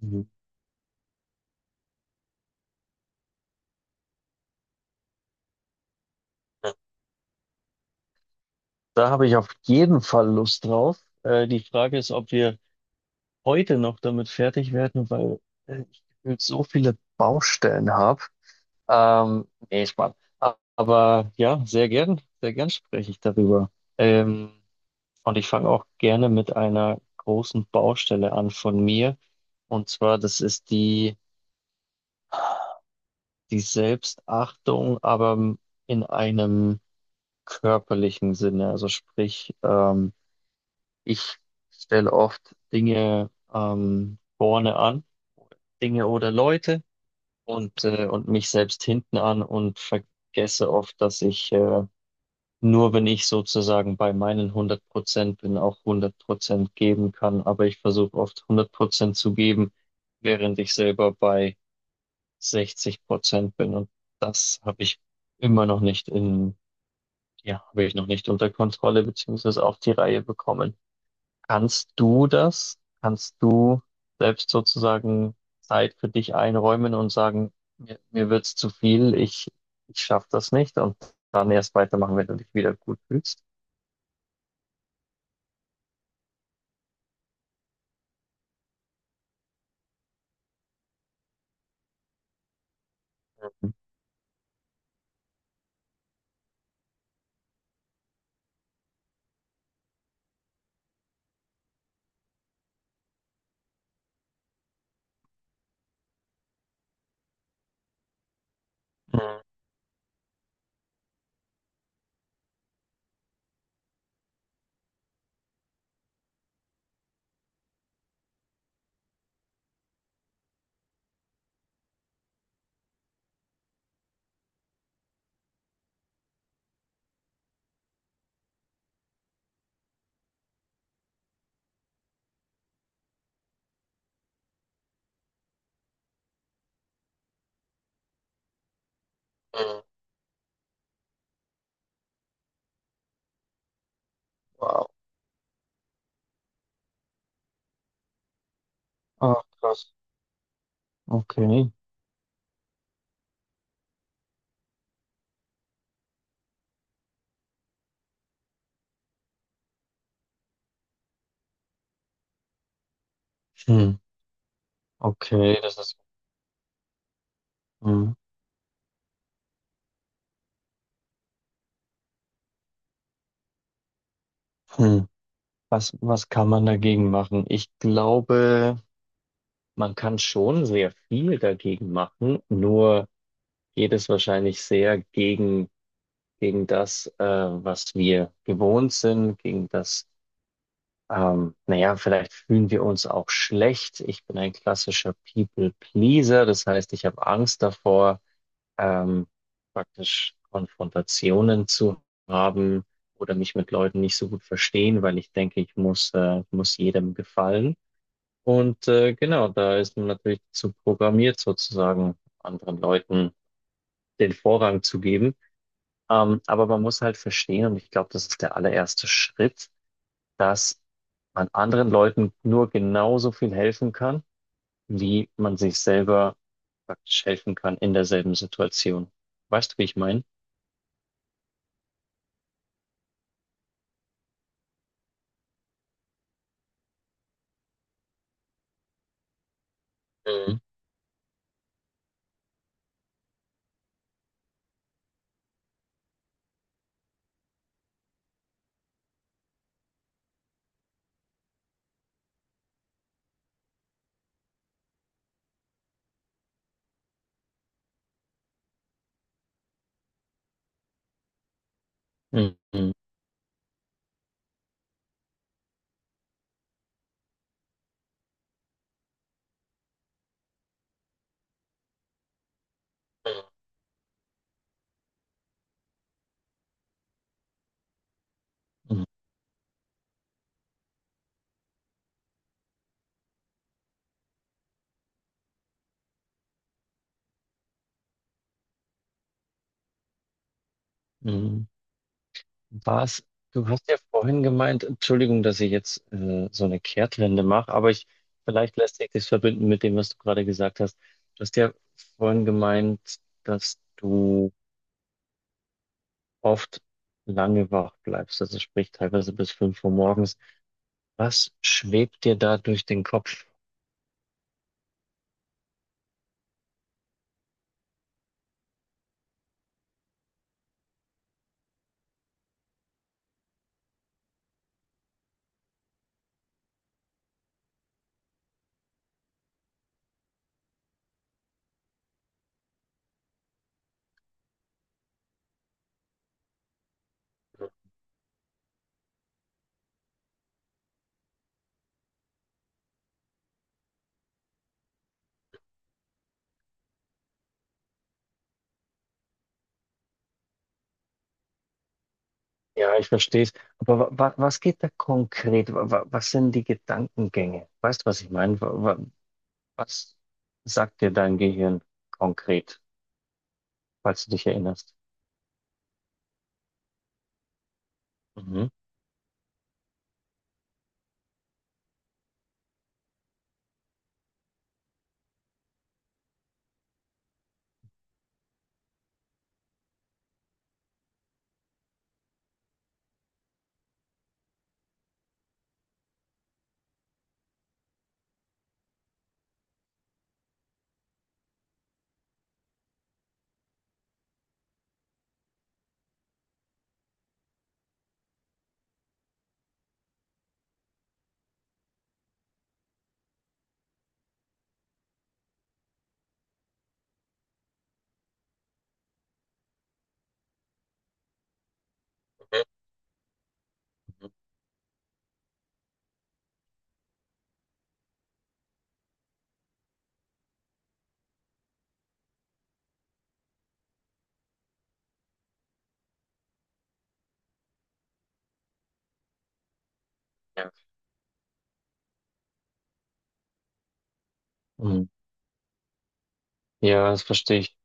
Mhm. Da habe ich auf jeden Fall Lust drauf. Die Frage ist, ob wir heute noch damit fertig werden, weil ich gefühlt so viele Baustellen habe. Nee, Spaß. Aber ja, sehr gern spreche ich darüber. Ähm, und ich fange auch gerne mit einer großen Baustelle an von mir. Und zwar, das ist die Selbstachtung, aber in einem körperlichen Sinne. Also sprich, ich stelle oft Dinge vorne an, Dinge oder Leute und mich selbst hinten an und vergesse oft, dass ich nur, wenn ich sozusagen bei meinen 100% bin, auch 100% geben kann. Aber ich versuche oft 100% zu geben, während ich selber bei 60% bin. Und das habe ich immer noch nicht ja, habe ich noch nicht unter Kontrolle beziehungsweise auf die Reihe bekommen. Kannst du das? Kannst du selbst sozusagen Zeit für dich einräumen und sagen, mir wird's zu ich schaffe das nicht und dann erst weitermachen, wenn du dich wieder gut fühlst? Mhm. Mhm. Mhm. Wow. Ah, krass. Okay. Hm. Okay, das ist. Hm. Hm. Was kann man dagegen machen? Ich glaube, man kann schon sehr viel dagegen machen, nur geht es wahrscheinlich sehr gegen gegen das, was wir gewohnt sind, gegen das, naja, vielleicht fühlen wir uns auch schlecht. Ich bin ein klassischer People-Pleaser, das heißt, ich habe Angst davor, ähm, praktisch Konfrontationen zu haben oder mich mit Leuten nicht so gut verstehen, weil ich denke, ich muss jedem gefallen. Und genau, da ist man natürlich zu programmiert, sozusagen anderen Leuten den Vorrang zu geben. Aber man muss halt verstehen, und ich glaube, das ist der allererste Schritt, dass man anderen Leuten nur genauso viel helfen kann, wie man sich selber praktisch helfen kann in derselben Situation. Weißt du, wie ich meine? Mhm. Mhm. Mhm. Mhm. Mhm. Was? Du hast ja vorhin gemeint, Entschuldigung, dass ich jetzt so eine Kehrtwende mache, vielleicht lässt sich das verbinden mit dem, was du gerade gesagt hast. Du hast ja vorhin gemeint, dass du oft lange wach bleibst, also sprich teilweise bis 5 Uhr morgens. Was schwebt dir da durch den Kopf? Ja, ich verstehe es. Aber wa wa was geht da konkret? Wa wa Was sind die Gedankengänge? Weißt du, was ich meine? Wa wa was sagt dir dein Gehirn konkret, falls du dich erinnerst? Mhm. Mhm. Mhm. Ja, mhm. Ja, das verstehe ich.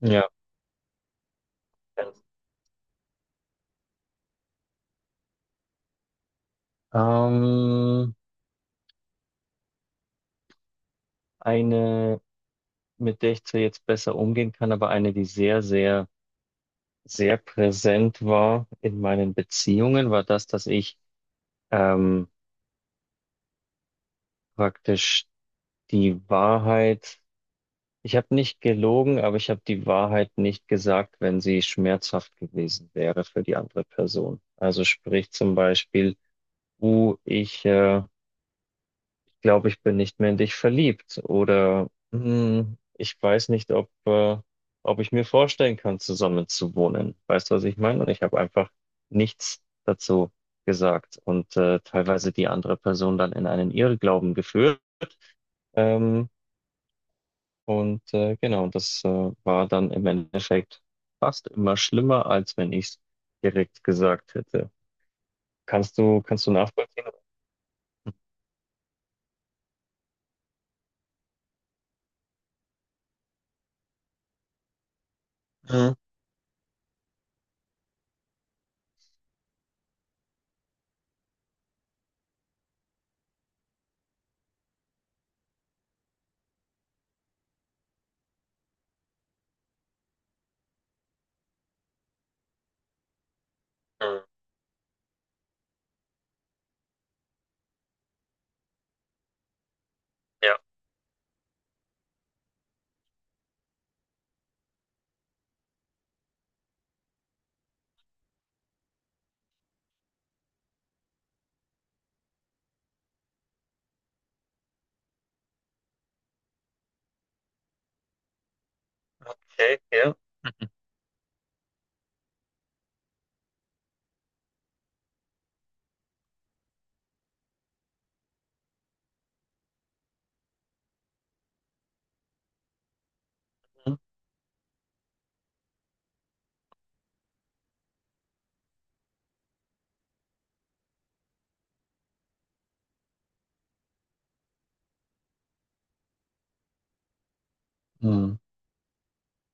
Ja. Ähm, eine, mit der ich zwar jetzt besser umgehen kann, aber eine, die sehr, sehr sehr präsent war in meinen Beziehungen, war das, dass ich ähm, praktisch die ich habe nicht gelogen, aber ich habe die Wahrheit nicht gesagt, wenn sie schmerzhaft gewesen wäre für die andere Person. Also sprich zum Beispiel, ich glaube, ich bin nicht mehr in dich verliebt oder hm, ich weiß nicht, ob ich mir vorstellen kann, zusammen zu wohnen. Weißt du, was ich meine? Und ich habe einfach nichts dazu gesagt und teilweise die andere Person dann in einen Irrglauben geführt. Ähm, und genau, das war dann im Endeffekt fast immer schlimmer, als wenn ich es direkt gesagt hätte. Kannst du nachvollziehen? Mhm. Mhm. Ja, okay, ja. Mhm. Mhm.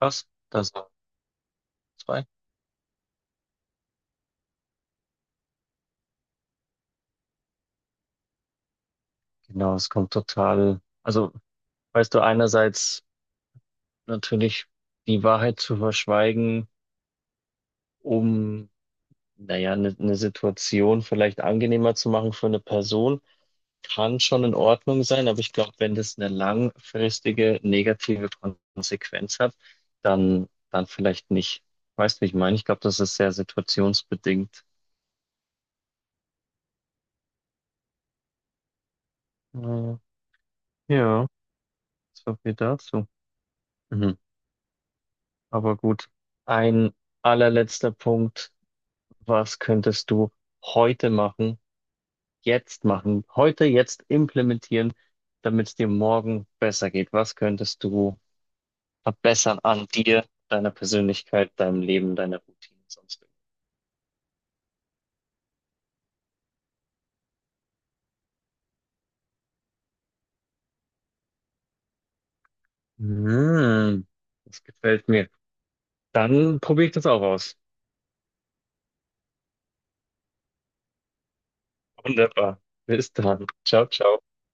Was? Das waren zwei. Genau, es kommt total. Also, weißt du, einerseits natürlich die Wahrheit zu verschweigen, um, naja, eine Situation vielleicht angenehmer zu machen für eine Person, kann schon in Ordnung sein, aber ich glaube, wenn das eine langfristige negative Konsequenz hat, dann vielleicht nicht. Weißt du, wie ich meine? Ich glaube, das ist sehr situationsbedingt. Naja, ja, so viel dazu. Mhm. Aber gut, ein allerletzter Punkt. Was könntest du heute machen, jetzt machen, heute jetzt implementieren, damit es dir morgen besser geht? Was könntest du verbessern an dir, deiner Persönlichkeit, deinem Leben, deiner Routine, sonst irgendwas? Hm, das gefällt mir. Dann probiere ich das auch aus. Wunderbar. Bis dann. Ciao, ciao.